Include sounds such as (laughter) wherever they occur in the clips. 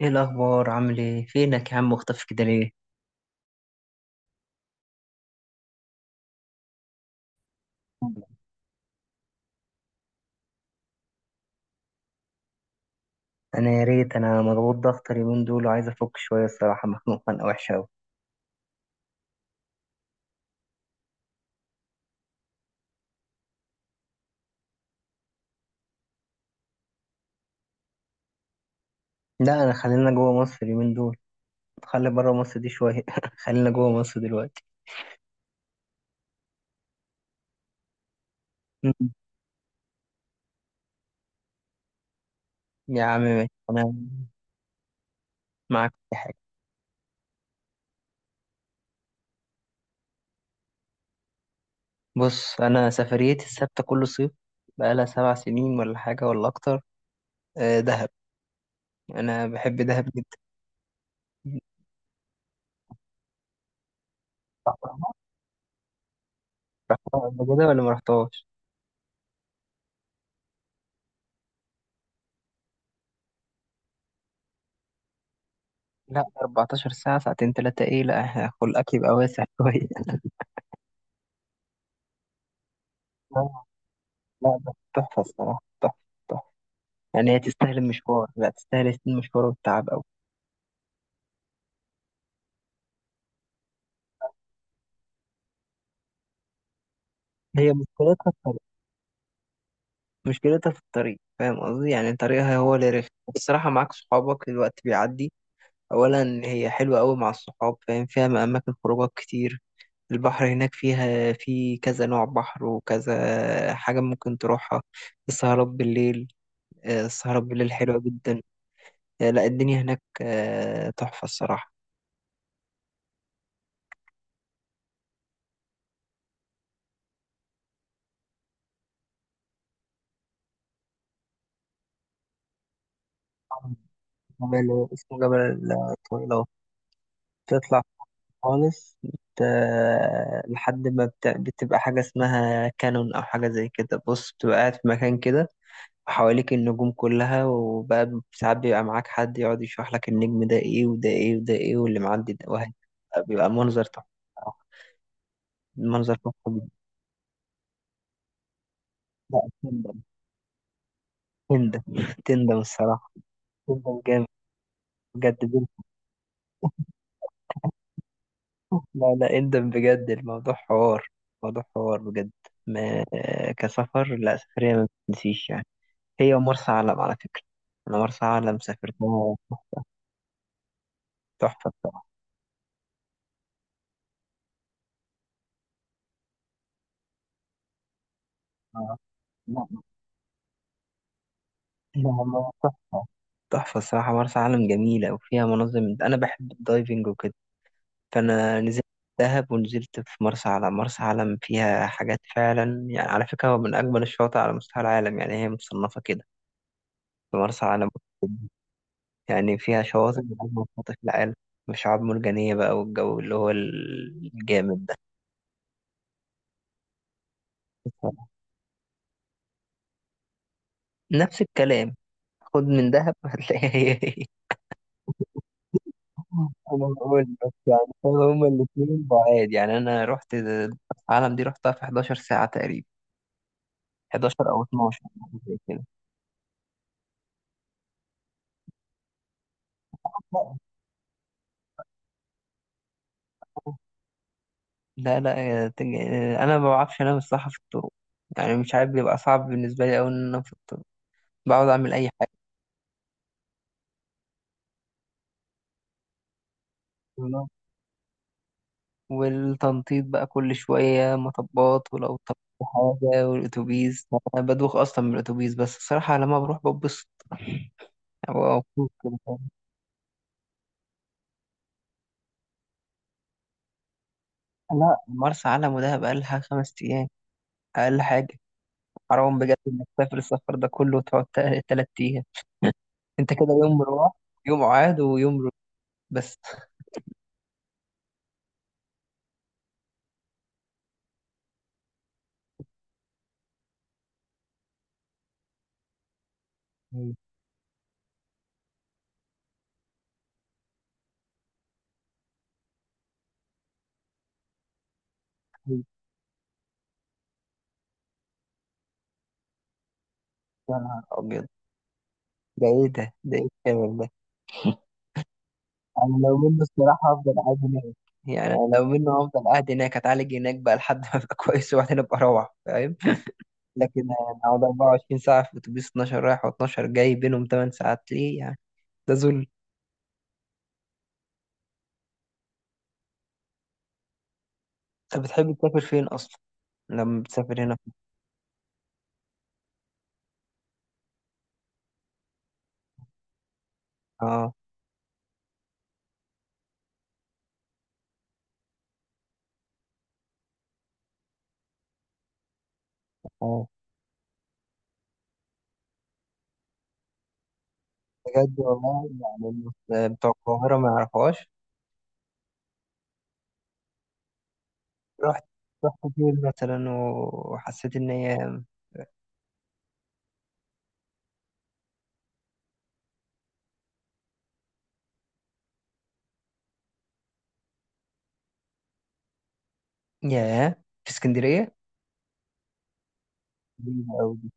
ايه الاخبار؟ عامل ايه؟ فينك يا عم؟ مختفي كده ليه؟ انا يا ريت. انا مضغوط ضغط اليومين دول وعايز افك شويه، الصراحه مخنوق خنقه وحشه قوي. لا، انا خلينا جوه مصر اليومين دول. خلي بره مصر دي شويه. (laughs) خلينا جوه مصر دلوقتي. مم. يا عم ماشي، انا معاك في حاجه. بص، انا سفريتي الثابته كل صيف بقالها 7 سنين، ولا حاجه ولا اكتر. دهب. انا بحب دهب جدا. رحتها قبل كده ولا ما رحتهاش؟ لا، 14 ساعة؟ ساعتين تلاتة؟ ايه لا، إحنا خلقك يبقى واسع (laughs) شوية. آه، لا بس تحفة، الصراحة تحفة. تحفة. يعني هي تستاهل المشوار، لا تستاهل المشوار والتعب أوي. هي مشكلتها في الطريق، مشكلتها في الطريق، فاهم قصدي؟ يعني طريقها هو اللي رخم، بس الصراحة معاك صحابك الوقت بيعدي. أولا هي حلوة أوي مع الصحاب فاهم، فيها أماكن خروجات كتير. البحر هناك فيها في كذا نوع بحر وكذا حاجة ممكن تروحها. السهرات بالليل السهرات بالليل حلوة جدا. لا الدنيا هناك تحفة الصراحة. جبل اسمه جبل الطويل أهو. تطلع خالص لحد ما بتبقى حاجة اسمها كانون أو حاجة زي كده، بص بتبقى قاعد في مكان كده، وحواليك النجوم كلها. وبقى ساعات بيبقى معاك حد يقعد يشرح لك النجم ده ايه وده ايه وده ايه، واللي معدي ده واحد. بيبقى منظر تحفة. منظر تحفة جدا. لا تندم. تندم. تندم الصراحة. تندم جامد. بجد. لا لا، اندم بجد، الموضوع حوار. موضوع حوار بجد. ما كسفر لا، سفرية ما بتنسيش يعني. هي مرسى علم على فكرة. أنا مرسى علم سافرتها. تحفة بصراحة. آه، لا لا لا، تحفة. تحفة الصراحة مرسى علم جميلة وفيها مناظر أنا بحب الدايفنج وكده. فأنا نزلت دهب ونزلت في مرسى علم. مرسى علم فيها حاجات فعلا، يعني على فكرة هو من أجمل الشواطئ على مستوى العالم، يعني هي مصنفة كده. في مرسى علم يعني فيها شواطئ من أجمل الشواطئ في العالم، وشعاب مرجانية بقى، والجو اللي هو الجامد ده. نفس الكلام، خد من دهب هتلاقيها هي هي. (laughs) أنا بقول بس يعني. هو هما الاتنين بعاد يعني. أنا رحت العالم دي رحتها في 11 ساعة تقريبا، 11 أو 12 حاجة زي كده. لا لا، أنا ما بعرفش أنام الصراحة في الطرق. يعني مش عارف، بيبقى صعب بالنسبة لي أوي إن أنام في الطرق. بقعد أعمل أي حاجة، والتنطيط بقى كل شوية مطبات ولو طبت حاجة. والأتوبيس، أنا بدوخ أصلا من الأتوبيس. بس الصراحة لما بروح ببسط، يعني ببقى مبسوط كده، فاهم؟ لا، مرسى علم ودهب أقلها 5 أيام. أقل حاجة. حرام بجد إنك تسافر السفر ده كله وتقعد 3 أيام. أنت كده يوم روح، يوم عاد، ويوم روح بس. (laughs) يا نهار أبيض. ده إيه الكلام ده؟ انا لو منه الصراحه هفضل قاعد هناك. يعني أنا لو منه هفضل قاعد هناك اتعالج هناك بقى لحد ما ابقى (laughs) كويس، وبعدين ابقى اروح، فاهم. لكن أنا اقعد 24 ساعه في اتوبيس، 12 رايح و12 جاي بينهم 8 ساعات، ليه يعني؟ ده ذل. انت بتحب تسافر فين اصلا؟ لما بتسافر هنا في؟ اه اه، بجد والله يعني. الناس بتوع القاهره ما يعرفوهاش. رحت رحت فين مثلا وحسيت ان هي؟ ياه، في اسكندريه؟ جميلة أوي دي.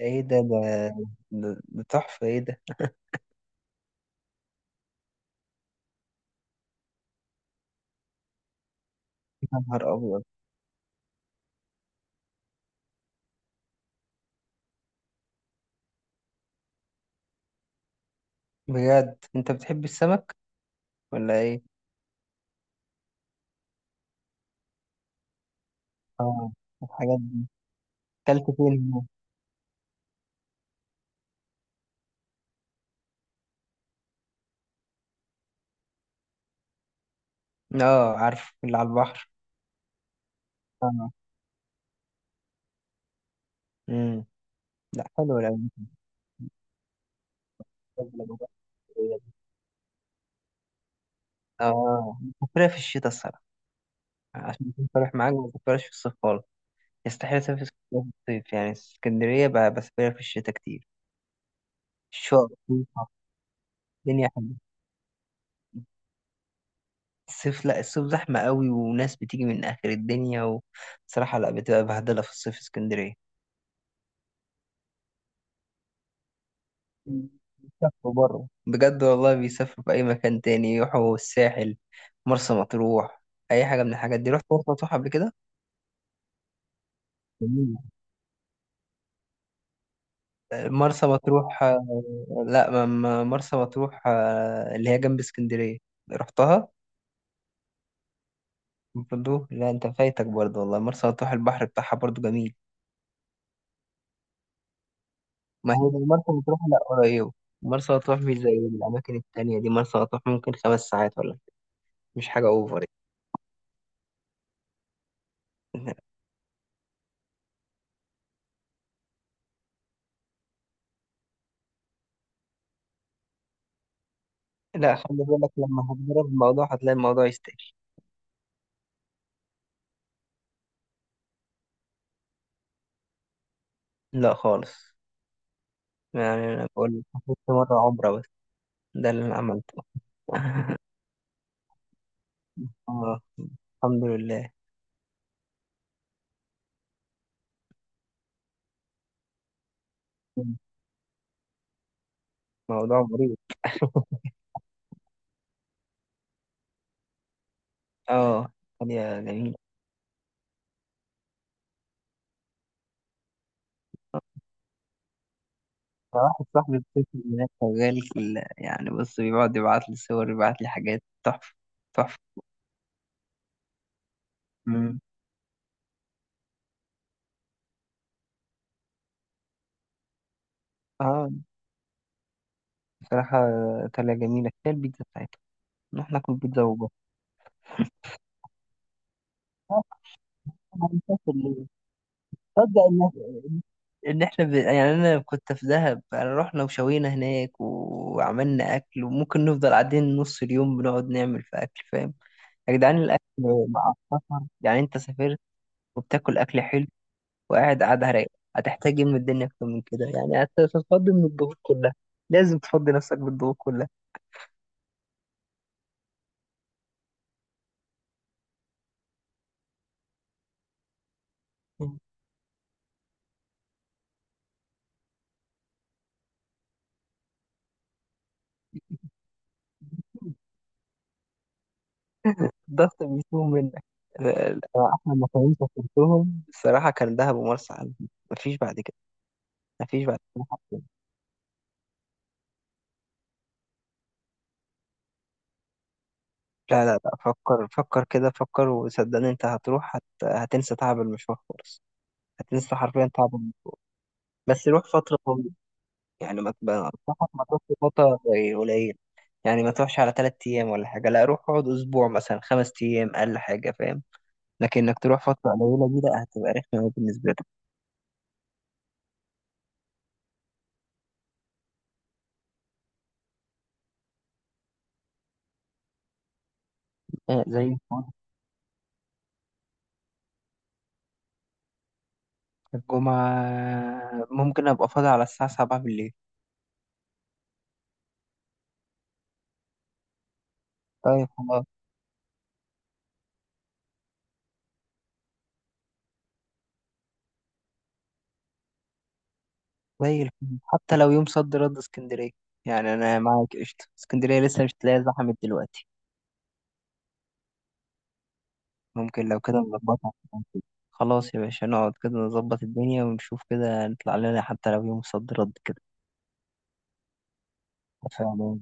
ايه ده، ده ده ده تحفه، ايه ده؟ يا نهار أبيض. بجد أنت بتحب السمك ولا إيه؟ آه، الحاجات دي. أكلت فين؟ هنا؟ آه، عارف اللي على البحر. آه. أمم. لا حلو. لو بسافرها في الشتاء الصراحة. عشان أكون صريح معاك ما بسافرهاش في الصيف خالص. يستحيل أسافر اسكندرية في الصيف، يعني اسكندرية بسافرها في الشتاء كتير. الشغل. الدنيا حلوة. الصيف، لا الصيف زحمة قوي وناس بتيجي من آخر الدنيا، وصراحة لا، بتبقى بهدلة في الصيف اسكندرية. بيسافروا بره بجد والله، بيسافروا في أي مكان تاني يروحوا، الساحل، مرسى مطروح، أي حاجة من الحاجات دي. رحت مرسى مطروح قبل كده؟ جميل. مرسى مطروح لا مرسى مطروح اللي هي جنب اسكندرية. رحتها؟ برضو، لا انت فايتك برضو والله، مرسى مطروح البحر بتاعها برضو جميل. ما هي زي مرسى مطروح، لا قريبة. مرسى مطروح مش زي الأماكن التانية دي، مرسى مطروح ممكن 5 ساعات ولا حاجة، مش حاجة أوفر يعني. لا خلي بالك، لما هتجرب الموضوع هتلاقي الموضوع يستاهل. لا خالص. يعني أنا بقول لك، حفظت مرة عمرة بس. ده اللي أنا عملته. (laughs) آه. الحمد لله. موضوع مريض. (laughs) آه. يا جميل. واحد صاحبي بيسافر هناك شغال يعني بص بيقعد يبعت لي صور، يبعت لي حاجات تحفة. تحفة. مم. آه بصراحة، طالعة جميلة، كفاية البيتزا بتاعتها، نروح ناكل بيتزا وبس. (laughs) آه، هنسافر ليه؟ تصدق ان احنا يعني انا كنت في دهب، يعني رحنا وشوينا هناك وعملنا اكل، وممكن نفضل قاعدين نص اليوم بنقعد نعمل في اكل، فاهم. يا جدعان، الاكل مع السفر، يعني انت سافرت وبتاكل اكل حلو وقاعد قاعده رايقه. هتحتاج ايه من الدنيا اكتر من كده؟ يعني هتتفضي من الضغوط كلها. لازم تفضي نفسك بالضغوط كلها. الضغط بيسوء منك. أنا احلى مكانين سافرتهم الصراحه كان دهب ومرسى علم. مفيش بعد كده. مفيش بعد كده. لا لا لا، فكر. فكر كده. فكر وصدقني انت هتروح هتنسى تعب المشوار خالص. هتنسى حرفيا تعب بس روح فترة طويلة. يعني ما تبقى انصحك ما تروحش فترة قليل قليل. يعني ما تروحش على 3 أيام ولا حاجة، لا روح اقعد أسبوع مثلا، 5 أيام أقل حاجة، فاهم. لكن إنك تروح فترة قليلة دي لا، هتبقى رخمة أوي بالنسبة لك. زي ما قلت، الجمعة ممكن أبقى فاضي على الساعة 7 بالليل. طيب خلاص. زي الفل، حتى لو يوم صد رد اسكندرية. يعني أنا معاك قشطة، اسكندرية لسه مش تلاقي زحمت دلوقتي. ممكن لو كده نظبطها. خلاص يا باشا، نقعد كده نظبط الدنيا ونشوف كده نطلع لنا حتى لو يوم صد رد كده. فعلا.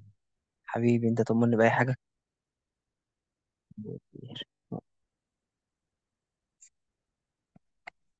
حبيبي، أنت طمني بأي حاجة. كتير.